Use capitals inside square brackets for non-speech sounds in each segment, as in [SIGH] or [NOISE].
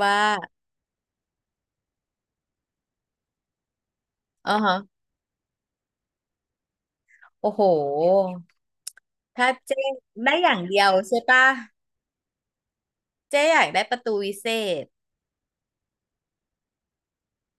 ว่าอ๋อฮะโอ้โห ถ้าเจ๊ได้อย่างเดียวใช่ปะเจ๊อยากได้ประตูวิเศษ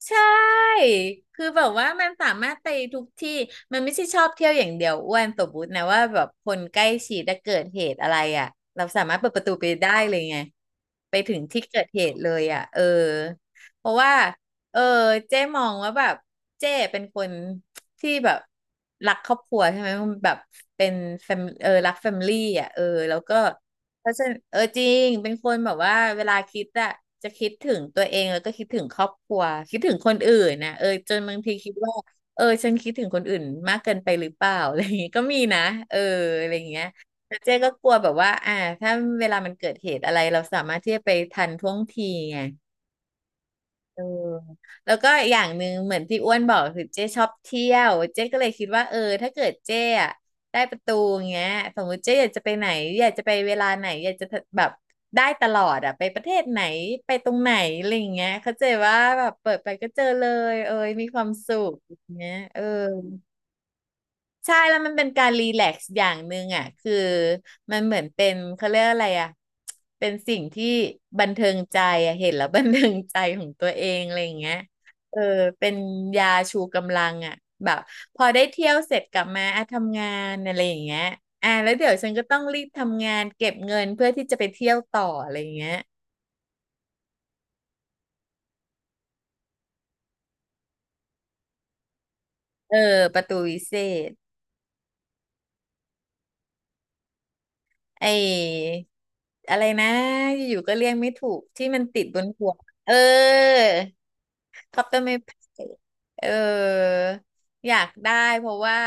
ใช่คือแบบว่ามันสามารถไปทุกที่มันไม่ใช่ชอบเที่ยวอย่างเดียวอ้วนสมมตินะว่าแบบคนใกล้ชิดจะเกิดเหตุอะไรอ่ะเราสามารถเปิดประตูไปได้เลยไงไปถึงที่เกิดเหตุเลยอ่ะเออเพราะว่าเออเจ๊มองว่าแบบเจ๊เป็นคนที่แบบรักครอบครัวใช่ไหมมันแบบเป็น เออรักแฟมิลี่อ่ะเออแล้วก็ เพราะฉะนั้นเออจริงเป็นคนแบบว่าเวลาคิดอะจะคิดถึงตัวเองแล้วก็คิดถึงครอบครัวคิดถึงคนอื่นนะเออจนบางทีคิดว่าเออฉันคิดถึงคนอื่นมากเกินไปหรือเปล่า [LAUGHS] อะไรอย่างงี้ก็มีนะเอออะไรอย่างเงี้ยแต่เจ๊ก็กลัวแบบว่าถ้าเวลามันเกิดเหตุอะไรเราสามารถที่จะไปทันท่วงทีไง เออแล้วก็อย่างหนึ่งเหมือนที่อ้วนบอกคือเจ๊ชอบเที่ยวเจ๊ก็เลยคิดว่าเออถ้าเกิดเจ๊อะได้ประตูอย่างเงี้ยสมมติเจ๊อยากจะไปไหนอยากจะไปเวลาไหนอยากจะแบบได้ตลอดอะไปประเทศไหนไปตรงไหนอะไรอย่างเงี้ยเข้าใจว่าแบบเปิดไปก็เจอเลยเอยมีความสุขอย่างเงี้ยเออ ใช่แล้วมันเป็นการรีแลกซ์อย่างหนึ่งอ่ะคือมันเหมือนเป็นเขาเรียกอะไรอ่ะเป็นสิ่งที่บันเทิงใจอ่ะเห็นแล้วบันเทิงใจของตัวเองอะไรอย่างเงี้ยเออเป็นยาชูกำลังอ่ะแบบพอได้เที่ยวเสร็จกลับมาอ่ะทำงานอะไรอย่างเงี้ยอ่ะแล้วเดี๋ยวฉันก็ต้องรีบทำงานเก็บเงินเพื่อที่จะไปเที่ยวต่ออะไรอย่างเงี้ยเออประตูวิเศษ ไอ้อะไรนะอยู่ก็เรียกไม่ถูกที่มันติดบนหัวกเออคอปเตอร์ไม่เอออยากได้เพราะว่า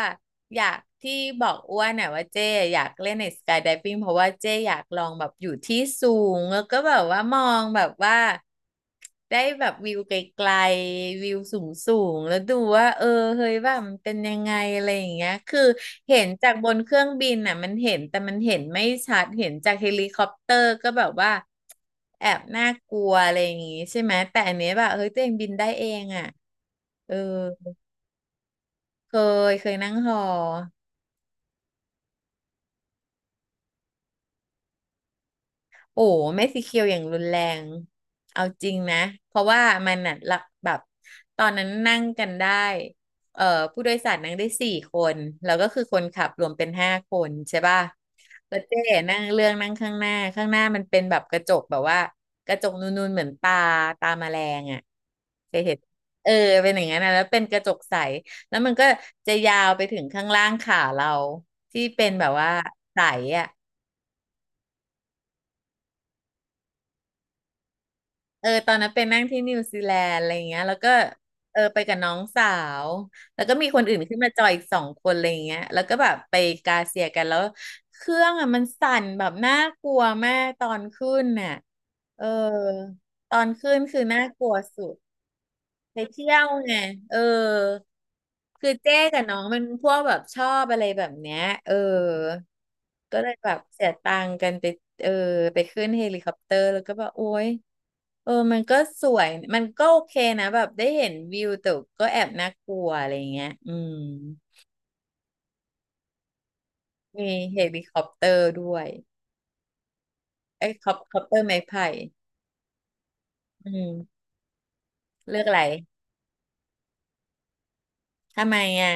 อยากที่บอกอ้วนน่ะว่าเจ๊อยากเล่นในสกาย i v ฟิ g งเพราะว่าเจ๊อยากลองแบบอยู่ที่สูงแล้วก็แบบว่ามองแบบว่าได้แบบวิวไกลๆวิวสูงๆแล้วดูว่าเออเฮ้ยว่ามันเป็นยังไงอะไรอย่างเงี้ยคือเห็นจากบนเครื่องบินน่ะมันเห็นแต่มันเห็นไม่ชัดเห็นจากเฮลิคอปเตอร์ก็แบบว่าแอบน่ากลัวอะไรอย่างงี้ใช่ไหมแต่อันเนี้ยแบบเฮ้ยตัวเองบินได้เองอ่ะเออเคเคยนั่งหอ โอ้ไม่สีเขียวอย่างรุนแรงเอาจริงนะเพราะว่ามันน่ะหลกแบบตอนนั้นนั่งกันได้เอ่อผู้โดยสารนั่งได้สี่คนแล้วก็คือคนขับรวมเป็นห้าคนใช่ป่ะแล้วเจ๊นั่งเรื่องนั่งข้างหน้าข้างหน้ามันเป็นแบบกระจกแบบว่ากระจกนูนๆเหมือนตาแมลงอ่ะเคยเห็นเออเป็นอย่างนั้นนะแล้วเป็นกระจกใสแล้วมันก็จะยาวไปถึงข้างล่างขาเราที่เป็นแบบว่าใสอ่ะ เออตอนนั้นไปนั่งที่นิวซีแลนด์อะไรอย่างเงี้ยแล้วก็เออไปกับน้องสาวแล้วก็มีคนอื่นขึ้นมาจอยอีกสองคนอะไรอย่างเงี้ยแล้วก็แบบไปกาเซียกันแล้วเครื่องอ่ะมันสั่นแบบน่ากลัวมากตอนขึ้นน่ะเออตอนขึ้นคือน่ากลัวสุด ไปเที่ยวไง เออ คือเจ๊กับน้องมันพวกแบบชอบอะไรแบบเนี้ยเออ ก็เลยแบบเสียตังค์กันไป เออ ไปขึ้นเฮลิคอปเตอร์แล้วก็แบบโอ๊ยเออ มันก็สวย มันก็โอเคนะแบบได้เห็นวิวแต่ก็แอบน่ากลัวอะไรเงี้ยอืม มีเฮลิคอปเตอร์ด้วยไอ้คอปเตอร์ไม้ไผ่อืมเลือกอะไร ทำไมอ่ะ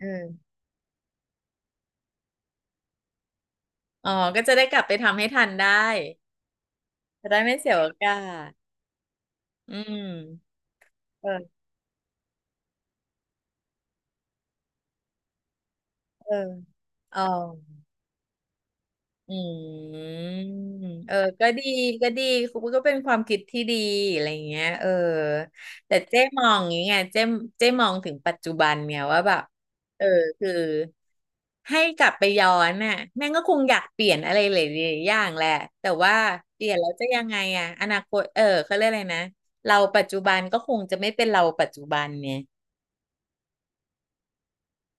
อืมอ๋อ ก็จะได้กลับไปทำให้ทันได้ จะได้ไม่เสียโอกาส อืมเออเอออ๋ออืมเออก็ดีก็ดีคุณก็เป็นความคิดที่ดีอะไรอย่างเงี้ยเออแต่เจ๊มองอย่างเงี้ยเจ๊มองถึงปัจจุบันเนี่ยว่าแบบเออคือให้กลับไปย้อนน่ะแม่งก็คงอยากเปลี่ยนอะไรหลายๆอย่างแหละแต่ว่าเปลี่ยนแล้วจะยังไงอะอนาคตเออเขาเรียกอะไรนะเราปัจจุบันก็คงจะไม่เป็นเราปัจจุบันเนี่ย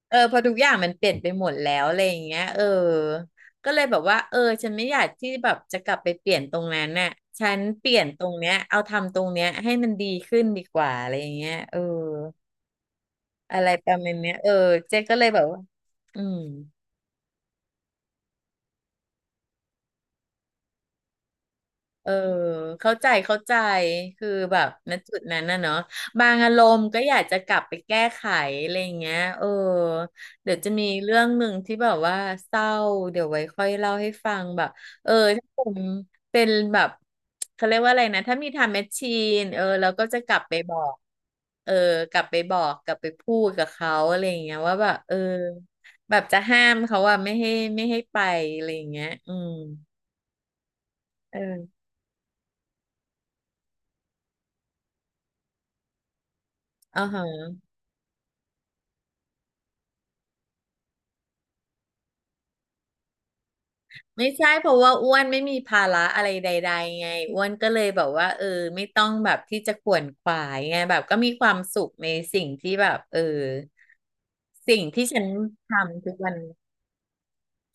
เออพอทุกอย่างมันเปลี่ยนไปหมดแล้วอะไรอย่างเงี้ยเออก็เลยแบบว่าเออฉันไม่อยากที่แบบจะกลับไปเปลี่ยนตรงนั้นน่ะฉันเปลี่ยนตรงเนี้ยเอาทำตรงเนี้ยให้มันดีขึ้นดีกว่าอะไรอย่างเงี้ยเอออะไรประมาณเนี้ยเออเจ๊ก็เลยแบบว่าอืม เออเข้าใจเข้าใจคือแบบณจุดนั้นนะเนาะบางอารมณ์ก็อยากจะกลับไปแก้ไขอะไรอย่างเงี้ยเดี๋ยวจะมีเรื่องหนึ่งที่แบบว่าเศร้าเดี๋ยวไว้ค่อยเล่าให้ฟังแบบเออถ้าผมเป็นแบบเขาเรียกว่าอะไรนะถ้ามีทำแมชชีนแล้วก็จะกลับไปบอกเออกลับไปบอกกลับไปพูดกับเขาอะไรอย่างเงี้ยว่าแบบแบบจะห้ามเขาว่าไม่ให้ไม่ให้ไปอะไรอย่างเงี้ยอืมเอออ๋อฮะ ไม่ใช่เพราะว่าอ้วนไม่มีภาระอะไรใดๆไงอ้วนก็เลยแบบว่าไม่ต้องแบบที่จะขวนขวายไงแบบก็มีความสุขในสิ่งที่แบบสิ่งที่ฉันทำทุกวัน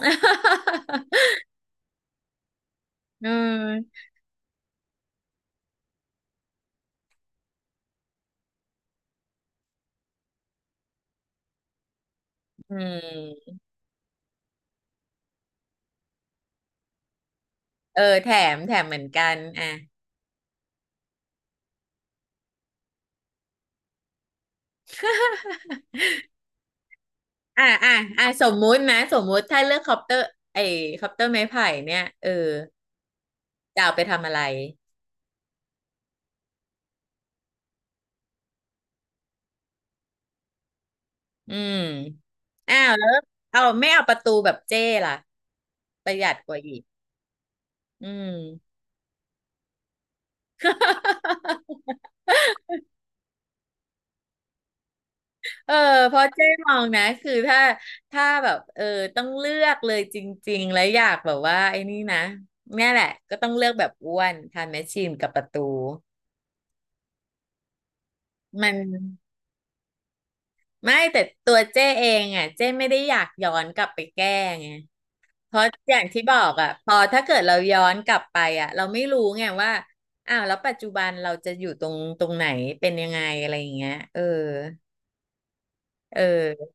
[LAUGHS] อืมอืมแถมแถมเหมือนกันอ่ะ [LAUGHS] อ่ะอ่ะอ่ะสมมุตินะสมมุติถ้าเลือกคอปเตอร์ไอ้คอปเตอร์ไม้ไผ่เนี่ยจะเอาไปทำอะไร อืมอ้าวแล้วเอาไม่เอาประตูแบบเจ้ล่ะประหยัดกว่าอีกอืมเออเพราะเจ๊มองนะคือถ้าแบบต้องเลือกเลยจริงๆแล้วอยากแบบว่าไอ้นี่นะเนี่ยแหละก็ต้องเลือกแบบอ้วนทานแมชชีนกับประตูมันไม่แต่ตัวเจ๊เองอ่ะเจ๊ไม่ได้อยากย้อนกลับไปแก้ไง เพราะอย่างที่บอกอ่ะพอถ้าเกิดเราย้อนกลับไปอ่ะเราไม่รู้ไงว่าอ้าวแล้วปัจจุบันเราจะอยู่ตรงไหนเป็นยังไงอะไรอย่างเงี้ยเออ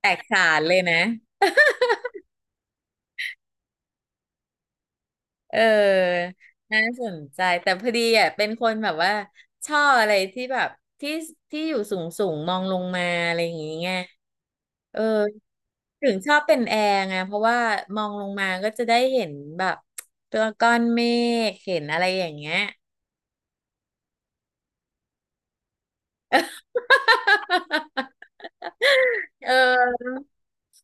แตกฉานเลยนะเออน่าสนใจแต่พอดีอ่ะเป็นคนแบบว่าชอบอะไรที่แบบที่ที่อยู่สูงสูงมองลงมาอะไรอย่างเงี้ยเออถึงชอบเป็นแอร์ไงเพราะว่ามองลงมาก็จะได้เห็นแบบตัวก้อนเมฆเห็นอะไรอย่างเงี้ย [LAUGHS] เออ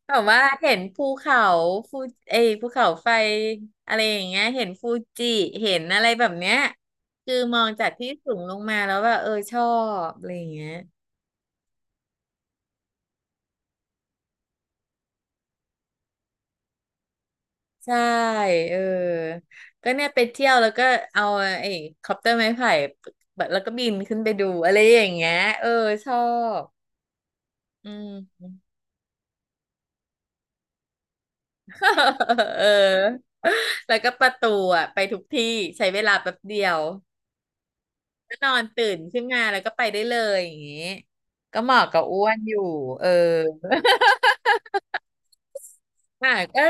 แบบว่าเห็นภูเขาฟูเอยภูเขาไฟอะไรอย่างเงี้ยเห็นฟูจิเห็นอะไรแบบเนี้ยคือมองจากที่สูงลงมาแล้วว่าเออชอบอะไรอย่างเงี้ยใช่เออก็เนี่ยไปเที่ยวแล้วก็เอาไอ้คอปเตอร์ไม้ไผ่แบบแล้วก็บินขึ้นไปดูอะไรอย่างเงี้ยเออชอบอืม [LAUGHS] เออแล้วก็ประตูอ่ะไปทุกที่ใช้เวลาแป๊บเดียว ก็นอนตื่นขึ้นมาแล้วก็ไปได้เลยอย่างงี้ก็เหมาะกับอ้วนอยู่เอออ่ะก็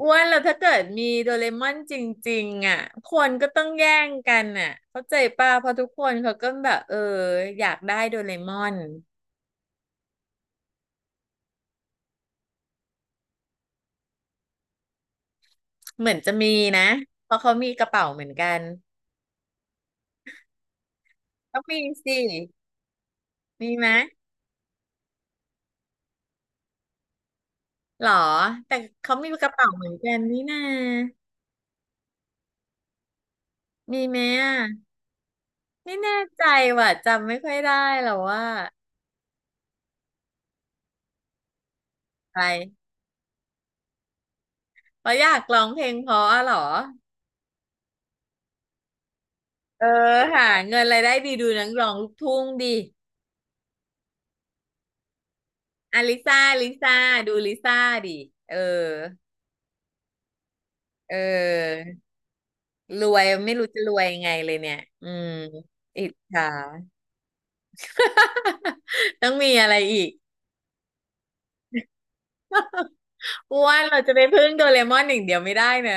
อ้วนแล้วถ้าเกิดมีโดเรมอนจริงๆอ่ะคนก็ต้องแย่งกันอ่ะเข้าใจป่ะเพราะทุกคนเขาก็แบบอยากได้โดเรมอนเหมือนจะมีนะเพราะเขามีกระเป๋าเหมือนกันต้องมีสิมีไหมหรอแต่เขามีกระเป๋าเหมือนกันนี่นามีไหมอ่ะไม่แน่ใจว่ะจำไม่ค่อยได้แล้วว่าอะไร เพราะอยากร้องเพลงเพราะอะเหรอเออหาเงินรายได้ดีดูนักร้องลูกทุ่งดีอะลิซ่าลิซ่าดูลิซ่าดิเออเออรวยไม่รู้จะรวยยังไงเลยเนี่ยอืมอิจฉา [LAUGHS] ต้องมีอะไรอีกอ้วนเราจะไปพึ่งโดเรมอนอย่างเดียวไม่ได้นะ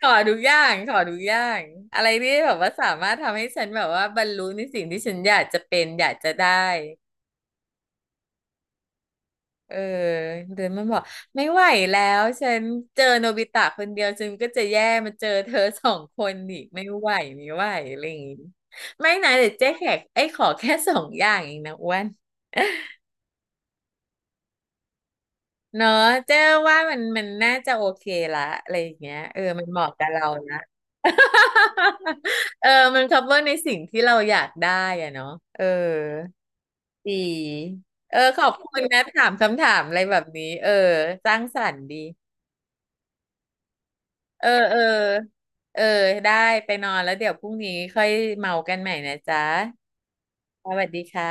ขอทุกอย่างขอทุกอย่างอะไรที่แบบว่าสามารถทำให้ฉันแบบว่าบรรลุในสิ่งที่ฉันอยากจะเป็นอยากจะได้ เออเดินมาบอกไม่ไหวแล้วฉันเจอโนบิตะคนเดียวฉันก็จะแย่มาเจอเธอสองคนอีกไม่ไหวไม่ไหวอะไรอย่างงี้ไม่นะเดี๋ยวเจ๊แขกไอ้ยขอแค่สองอย่างเองนะอ้วนเนาะเจ๊ว่ามันน่าจะโอเคละอะไรอย่างเงี้ยมันเหมาะกับเรานะ [LAUGHS] เออมัน cover ในสิ่งที่เราอยากได้อะเนาะเออดีเออขอบคุณนะถามคำถามอะไรแบบนี้เออสร้างสรรค์ดี เออเออเออได้ไปนอนแล้วเดี๋ยวพรุ่งนี้ค่อยเมากันใหม่นะจ๊ะสวัสดีค่ะ